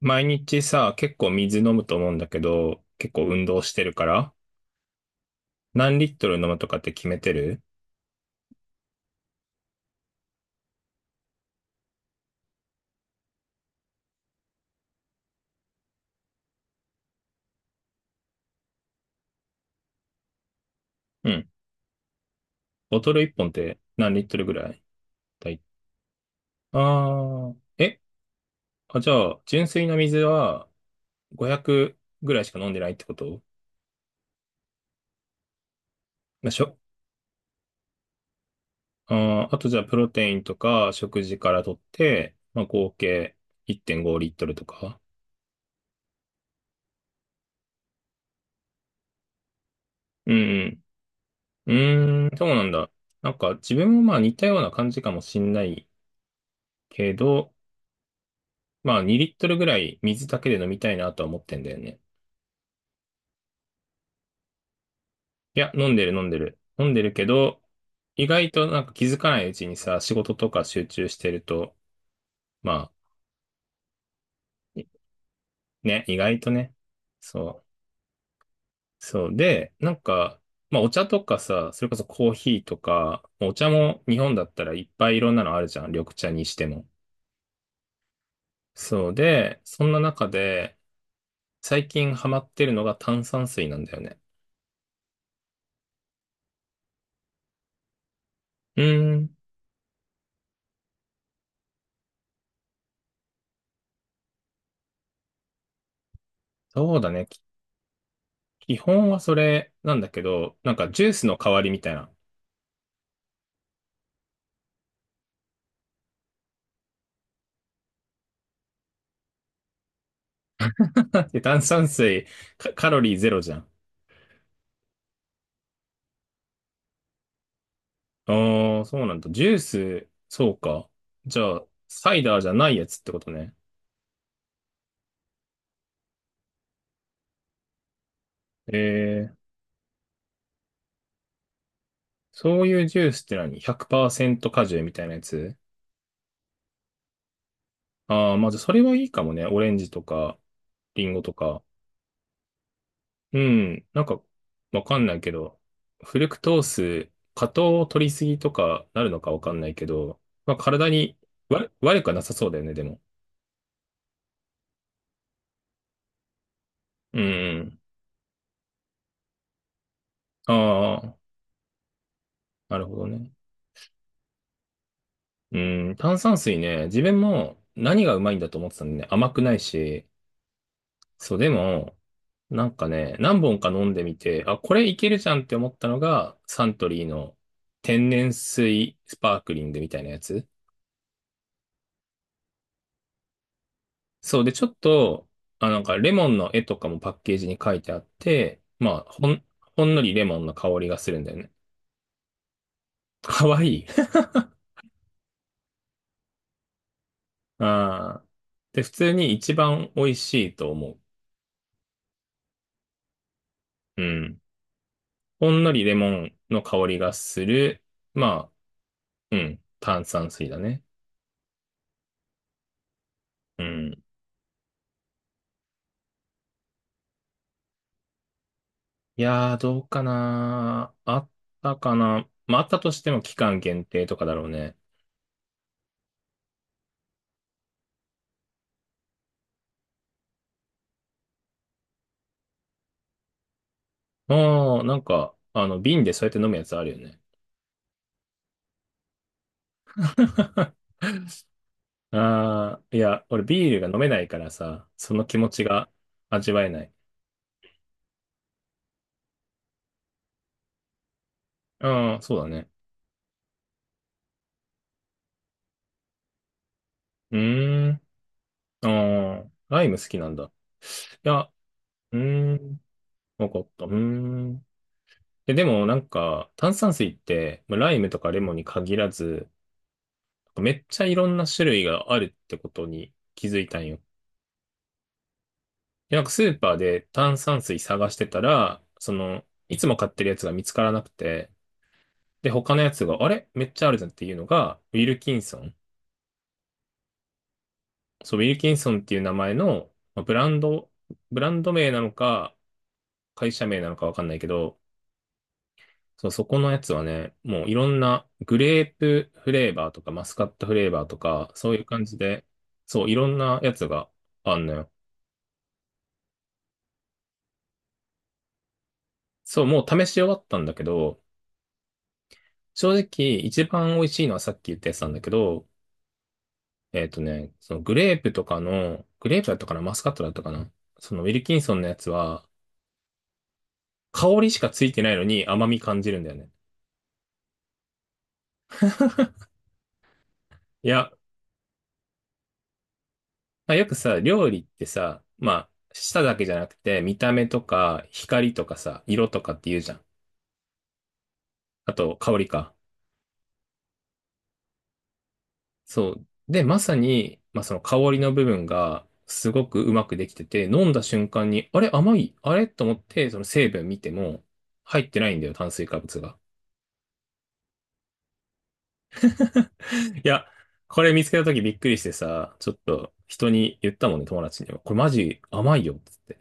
毎日さ、結構水飲むと思うんだけど、結構運動してるから、何リットル飲むとかって決めてる？うん。ボトル1本って何リットルぐらい？だい、あー、え、あ、じゃあ、純粋な水は500ぐらいしか飲んでないってこと？まあ、しょ、あー、あとじゃあ、プロテインとか食事から取って、まあ、合計1.5リットルとか。うんうん。うーん、そうなんだ。なんか自分もまあ似たような感じかもしんないけど、まあ、2リットルぐらい水だけで飲みたいなとは思ってんだよね。いや、飲んでる飲んでる。飲んでるけど、意外となんか気づかないうちにさ、仕事とか集中してると、まあ、い、ね、意外とね。そう。そう。で、なんか、まあ、お茶とかさ、それこそコーヒーとか、お茶も日本だったらいっぱいいろんなのあるじゃん。緑茶にしても。そうで、そんな中で、最近ハマってるのが炭酸水なんだよね。うーん。そうだね。基本はそれなんだけど、なんかジュースの代わりみたいな。で炭酸水、カ、カロリーゼロじゃん。ああ、そうなんだ。ジュース、そうか。じゃあ、サイダーじゃないやつってことね。えー、そういうジュースって何？ 100% 果汁みたいなやつ？ああー、まあじゃあそれはいいかもね。オレンジとか、リンゴとか。うん。なんか、わかんないけど、フルクトース、過糖を取りすぎとかなるのかわかんないけど、まあ、体に悪、悪くはなさそうだよね、でも。うん。ああ、なるほどね。うん。炭酸水ね、自分も何がうまいんだと思ってたんでね、甘くないし、そう、でも、なんかね、何本か飲んでみて、あ、これいけるじゃんって思ったのが、サントリーの天然水スパークリングみたいなやつ。そうで、ちょっと、あ、なんかレモンの絵とかもパッケージに書いてあって、まあ、ほん、ほんのりレモンの香りがするんだよね。かわいい。ああ。で、普通に一番美味しいと思う。うん。ほんのりレモンの香りがする。まあ、うん。炭酸水だね。うん。いやー、どうかなあったかな、まあ、あったとしても期間限定とかだろうね。ああ、なんか、あの、瓶でそうやって飲むやつあるよね。ああ、いや、俺ビールが飲めないからさ、その気持ちが味わえない。ああ、そうだね。うーん。ああ、ライム好きなんだ。いや、うーん。わかった。うーん。え、でもなんか、炭酸水って、まあライムとかレモンに限らず、めっちゃいろんな種類があるってことに気づいたんよ。でなんかスーパーで炭酸水探してたら、その、いつも買ってるやつが見つからなくて、で、他のやつが、あれめっちゃあるじゃんっていうのが、ウィルキンソン。そう、ウィルキンソンっていう名前の、まあブランド、ブランド名なのか、会社名なのかわかんないけど、そう、そこのやつはね、もういろんなグレープフレーバーとかマスカットフレーバーとか、そういう感じで、そう、いろんなやつがあんのよ。そう、もう試し終わったんだけど、正直一番美味しいのはさっき言ったやつなんだけど、えっとね、そのグレープとかの、グレープだったかな、マスカットだったかな、そのウィルキンソンのやつは、香りしかついてないのに甘み感じるんだよね。いや、まあ、よくさ、料理ってさ、まあ、舌だけじゃなくて、見た目とか、光とかさ、色とかって言うじゃん。あと、香りか。そう。で、まさに、まあ、その香りの部分が、すごくうまくできてて、飲んだ瞬間に、あれ、甘い、あれ？と思って、その成分見ても、入ってないんだよ、炭水化物が。いや、これ見つけた時びっくりしてさ、ちょっと人に言ったもんね、友達にも。これマジ甘いよ、つって。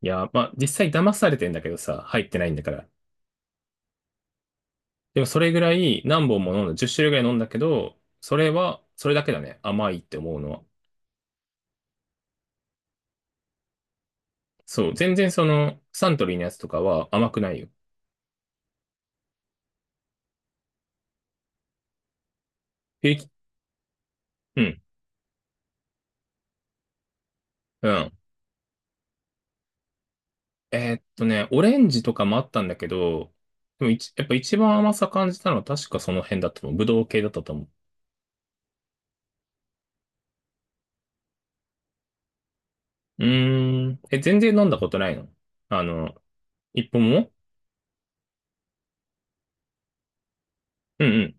いや、まあ、実際騙されてんだけどさ、入ってないんだから。でもそれぐらい何本も飲んだ、10種類ぐらい飲んだけど、それは、それだけだね。甘いって思うのは。そう、全然その、サントリーのやつとかは甘くないよ。ピリキ、うん、うん。ね、オレンジとかもあったんだけど、でも一、やっぱ一番甘さ感じたのは確かその辺だったと思う。ぶどう系だったと思う。うーん。え、全然飲んだことないの？あの、一本も？うん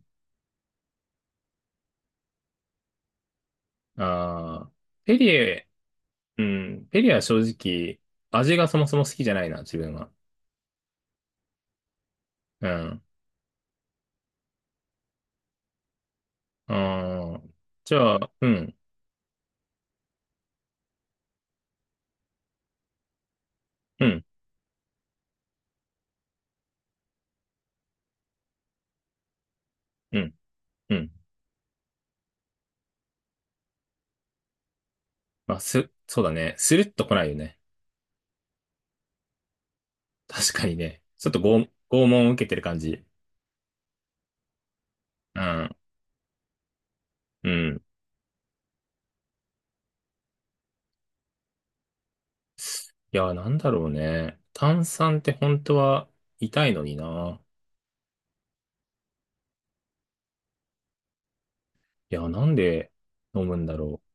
うん。ああ、ペリエ、うん、ペリエは正直、味がそもそも好きじゃないな、自分は。うん。ああ、じゃあ、うん、うん、うん、うん。まあ、す、そうだね。スルッと来ないよね。確かにね。ちょっと拷、拷問を受けてる感じ。うん、うん。いや、なんだろうね。炭酸って本当は痛いのにな。いや、なんで飲むんだろう。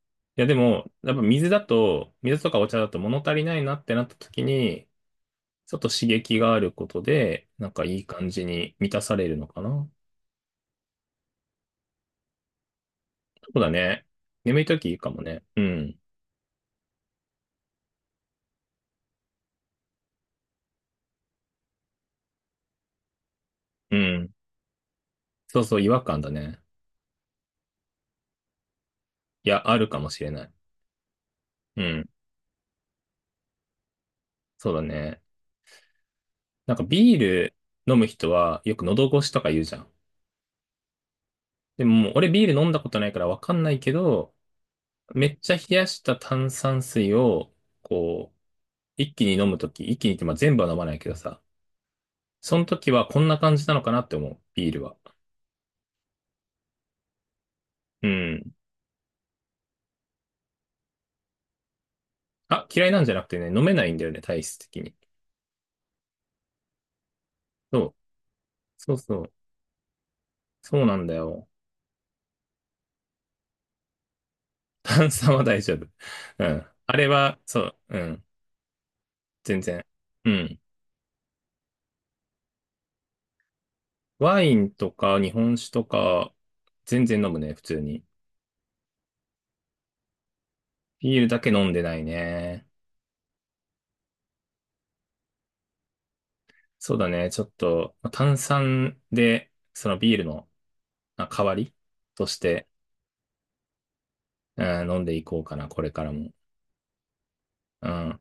いや、でも、やっぱ水だと、水とかお茶だと物足りないなってなった時に、ちょっと刺激があることで、なんかいい感じに満たされるのかな。そうだね。眠い時いいかもね。うん。うん。そうそう、違和感だね。いや、あるかもしれない。うん。そうだね。なんかビール飲む人はよく喉越しとか言うじゃん。でももう俺ビール飲んだことないからわかんないけど、めっちゃ冷やした炭酸水を、こう、一気に飲むとき、一気にってまあ全部は飲まないけどさ、その時はこんな感じなのかなって思う、ビールは。うん。あ、嫌いなんじゃなくてね、飲めないんだよね、体質的に。そう。そうそう。そうなんだよ。炭酸は大丈夫。うん。あれは、そう、うん。全然。うん。ワインとか日本酒とか、全然飲むね、普通に。ビールだけ飲んでないね。そうだね、ちょっと、まあ炭酸で、そのビールのまあ代わりとして、うん、飲んでいこうかな、これからも。うん。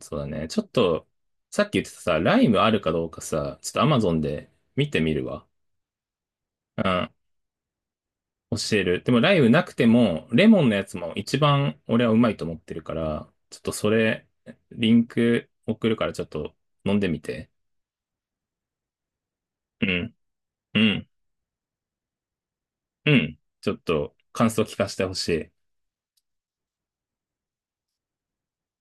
そうだね。ちょっと、さっき言ってたさ、ライムあるかどうかさ、ちょっとアマゾンで見てみるわ。うん。教える。でもライブなくても、レモンのやつも一番俺はうまいと思ってるから、ちょっとそれ、リンク送るからちょっと飲んでみて。うん、うん、うん。ちょっと感想聞かせてほしい。